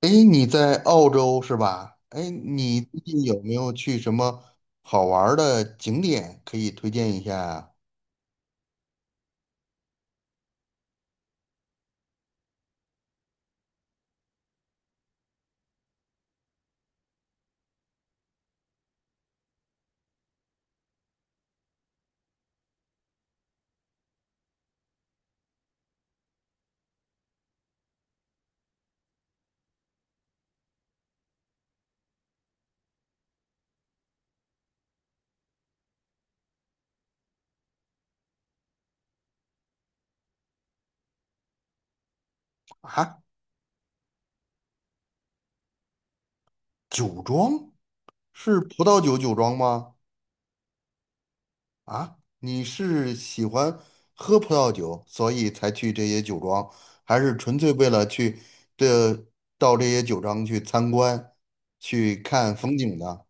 诶，你在澳洲是吧？诶，你最近有没有去什么好玩儿的景点可以推荐一下呀？啊，酒庄是葡萄酒庄吗？啊，你是喜欢喝葡萄酒，所以才去这些酒庄，还是纯粹为了去这到这些酒庄去参观、去看风景呢？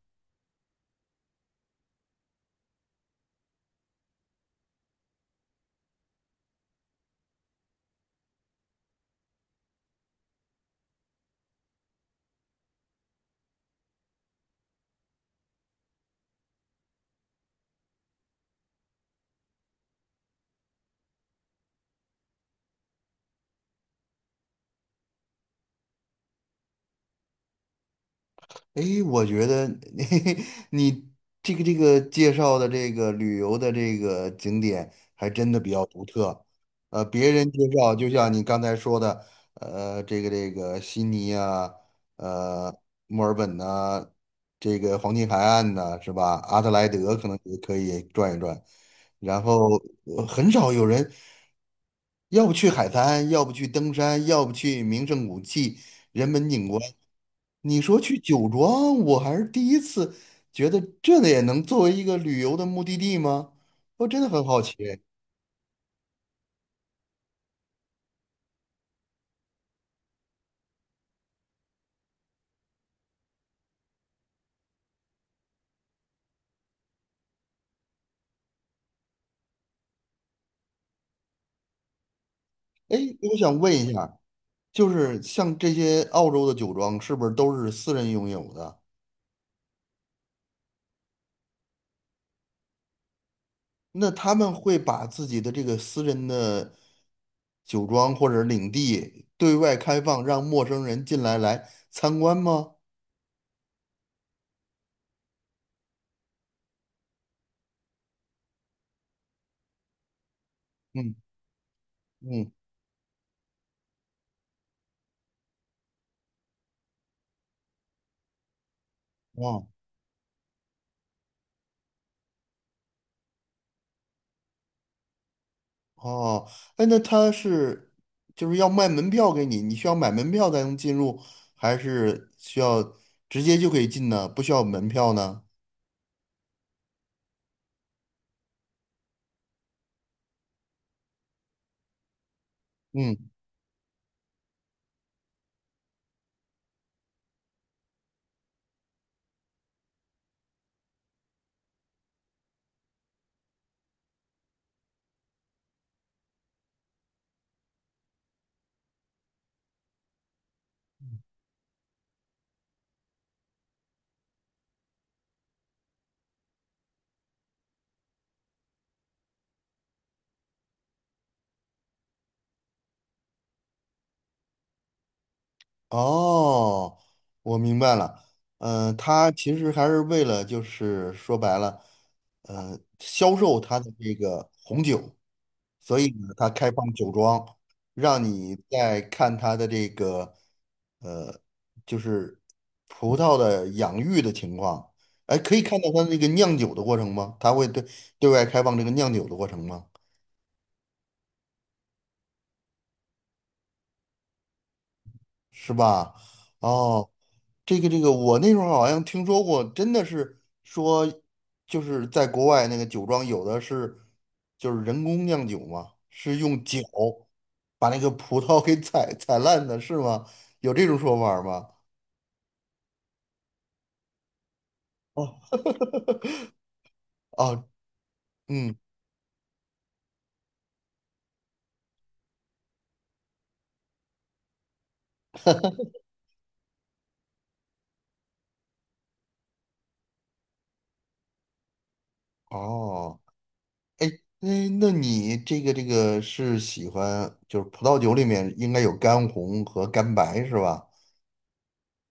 诶，我觉得 你这个介绍的这个旅游的这个景点还真的比较独特。别人介绍就像你刚才说的，这个悉尼啊，呃，墨尔本呐、这个黄金海岸呐，是吧？阿德莱德可能也可以转一转，然后很少有人要不去海滩，要不去登山，要不去名胜古迹，人文景观。你说去酒庄，我还是第一次觉得这也能作为一个旅游的目的地吗？我真的很好奇。哎，我想问一下，就是像这些澳洲的酒庄，是不是都是私人拥有的？那他们会把自己的这个私人的酒庄或者领地对外开放，让陌生人进来来参观吗？嗯嗯。啊。哦，哎，那他是就是要卖门票给你，你需要买门票才能进入，还是需要直接就可以进呢？不需要门票呢？嗯，哦，我明白了。嗯、他其实还是为了就是说白了，销售他的这个红酒。所以呢，他开放酒庄，让你在看他的这个呃，就是葡萄的养育的情况。哎，可以看到他那个酿酒的过程吗？他会对外开放这个酿酒的过程吗？是吧？哦，这个这个，我那时候好像听说过，真的是说，就是在国外那个酒庄有的是，就是人工酿酒嘛，是用脚把那个葡萄给踩烂的，是吗？有这种说法儿吗？哦，哦，嗯，哦，那你这个是喜欢，就是葡萄酒里面应该有干红和干白是吧？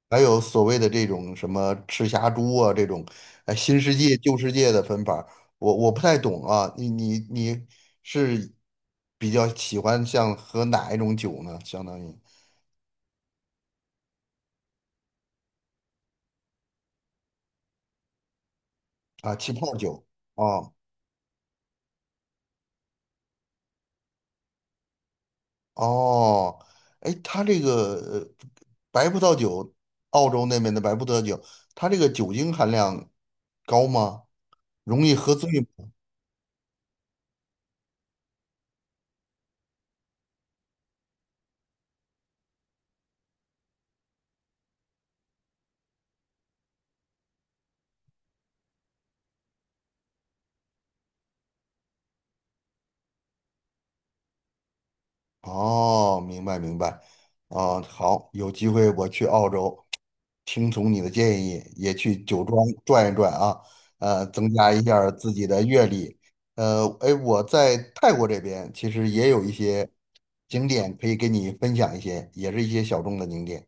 还有所谓的这种什么赤霞珠啊，这种哎新世界旧世界的分法儿我不太懂啊。你是比较喜欢像喝哪一种酒呢？相当于啊气泡酒啊，哦，哎，它这个白葡萄酒，澳洲那边的白葡萄酒，它这个酒精含量高吗？容易喝醉吗？哦，明白明白。啊，好，有机会我去澳洲，听从你的建议，也去酒庄转一转啊，增加一下儿自己的阅历。哎，我在泰国这边其实也有一些景点可以给你分享一些，也是一些小众的景点。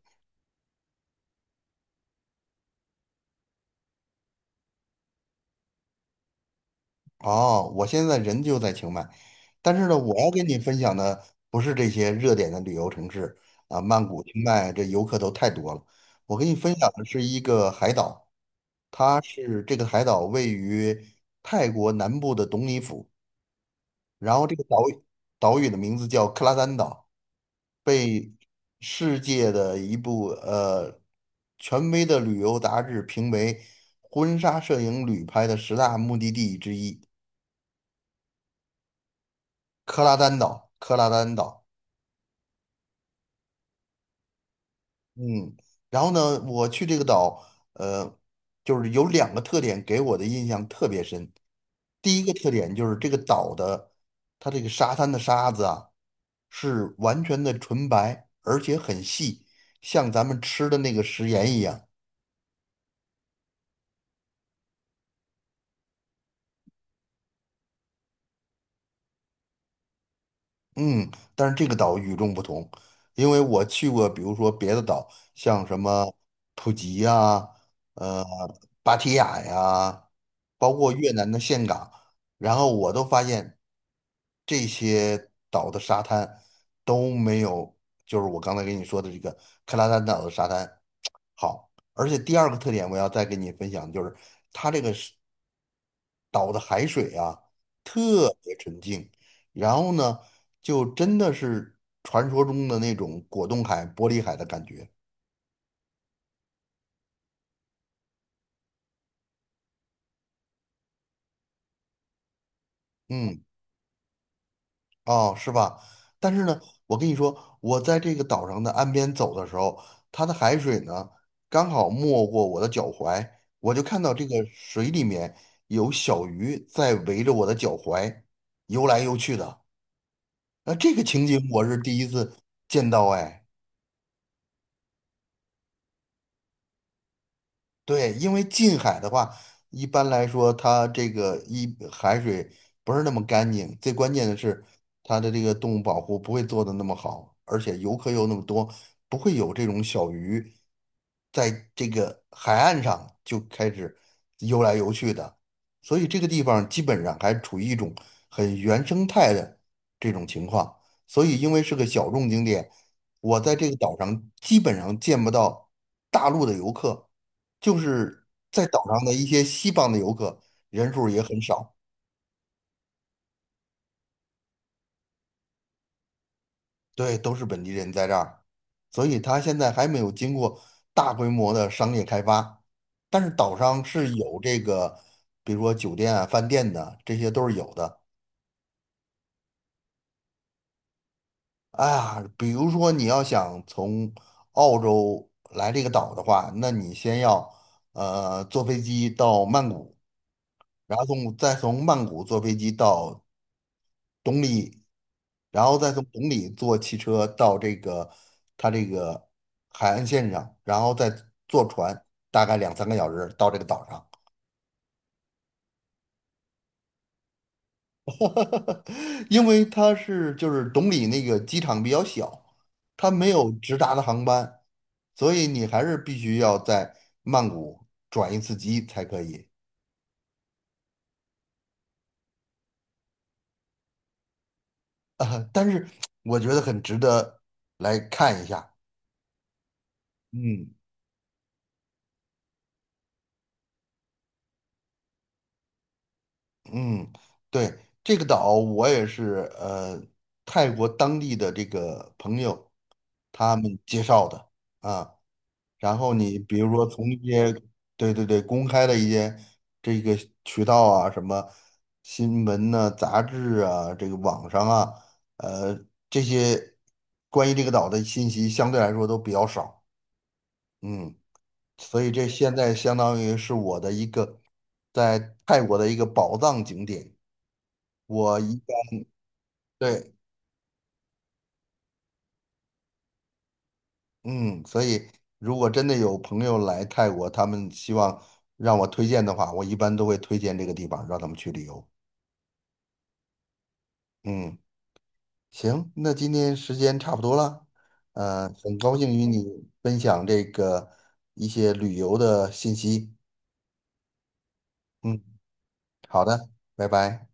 哦，我现在人就在清迈，但是呢，我要跟你分享的不是这些热点的旅游城市啊，曼谷、清迈这游客都太多了。我跟你分享的是一个海岛，它是这个海岛位于泰国南部的董里府，然后这个岛屿的名字叫克拉丹岛，世界的一部权威的旅游杂志评为婚纱摄影旅拍的十大目的地之一，克拉丹岛，克拉丹岛。嗯，然后呢，我去这个岛，呃，就是有两个特点给我的印象特别深。第一个特点就是这个岛的，它这个沙滩的沙子啊，是完全的纯白，而且很细，像咱们吃的那个食盐一样。嗯，但是这个岛与众不同，因为我去过，比如说别的岛，像什么普吉呀、呃，芭提雅呀，包括越南的岘港，然后我都发现这些岛的沙滩都没有，就是我刚才跟你说的这个克拉丹岛的沙滩好。而且第二个特点，我要再跟你分享，就是它这个岛的海水啊特别纯净，然后呢，就真的是传说中的那种果冻海、玻璃海的感觉。嗯，哦，是吧？但是呢，我跟你说，我在这个岛上的岸边走的时候，它的海水呢刚好没过我的脚踝，我就看到这个水里面有小鱼在围着我的脚踝游来游去的。那这个情景我是第一次见到，哎。对，因为近海的话，一般来说，它这个海水不是那么干净，最关键的是它的这个动物保护不会做的那么好，而且游客又那么多，不会有这种小鱼在这个海岸上就开始游来游去的，所以这个地方基本上还处于一种很原生态的这种情况，所以因为是个小众景点，我在这个岛上基本上见不到大陆的游客。就是在岛上的一些西方的游客人数儿也很少。对，都是本地人在这儿，所以它现在还没有经过大规模的商业开发，但是岛上是有这个，比如说酒店啊、饭店的，这些都是有的。哎呀，比如说你要想从澳洲来这个岛的话，那你先要坐飞机到曼谷，然后再从曼谷坐飞机到然后再从崇礼坐汽车到这个它这个海岸线上，然后再坐船，大概两三个小时到这个岛上。因为它是就是崇礼那个机场比较小，它没有直达的航班，所以你还是必须要在曼谷转一次机才可以。但是我觉得很值得来看一下。嗯。嗯，对，这个岛我也是呃，泰国当地的这个朋友他们介绍的啊。然后你比如说从一些对对对公开的一些这个渠道啊，什么新闻呐、杂志啊、这个网上啊，呃，这些关于这个岛的信息相对来说都比较少。嗯，所以这现在相当于是我的一个在泰国的一个宝藏景点。我一对，嗯，所以如果真的有朋友来泰国，他们希望让我推荐的话，我一般都会推荐这个地方让他们去旅游。嗯，行，那今天时间差不多了，很高兴与你分享这个一些旅游的信息。嗯，好的，拜拜。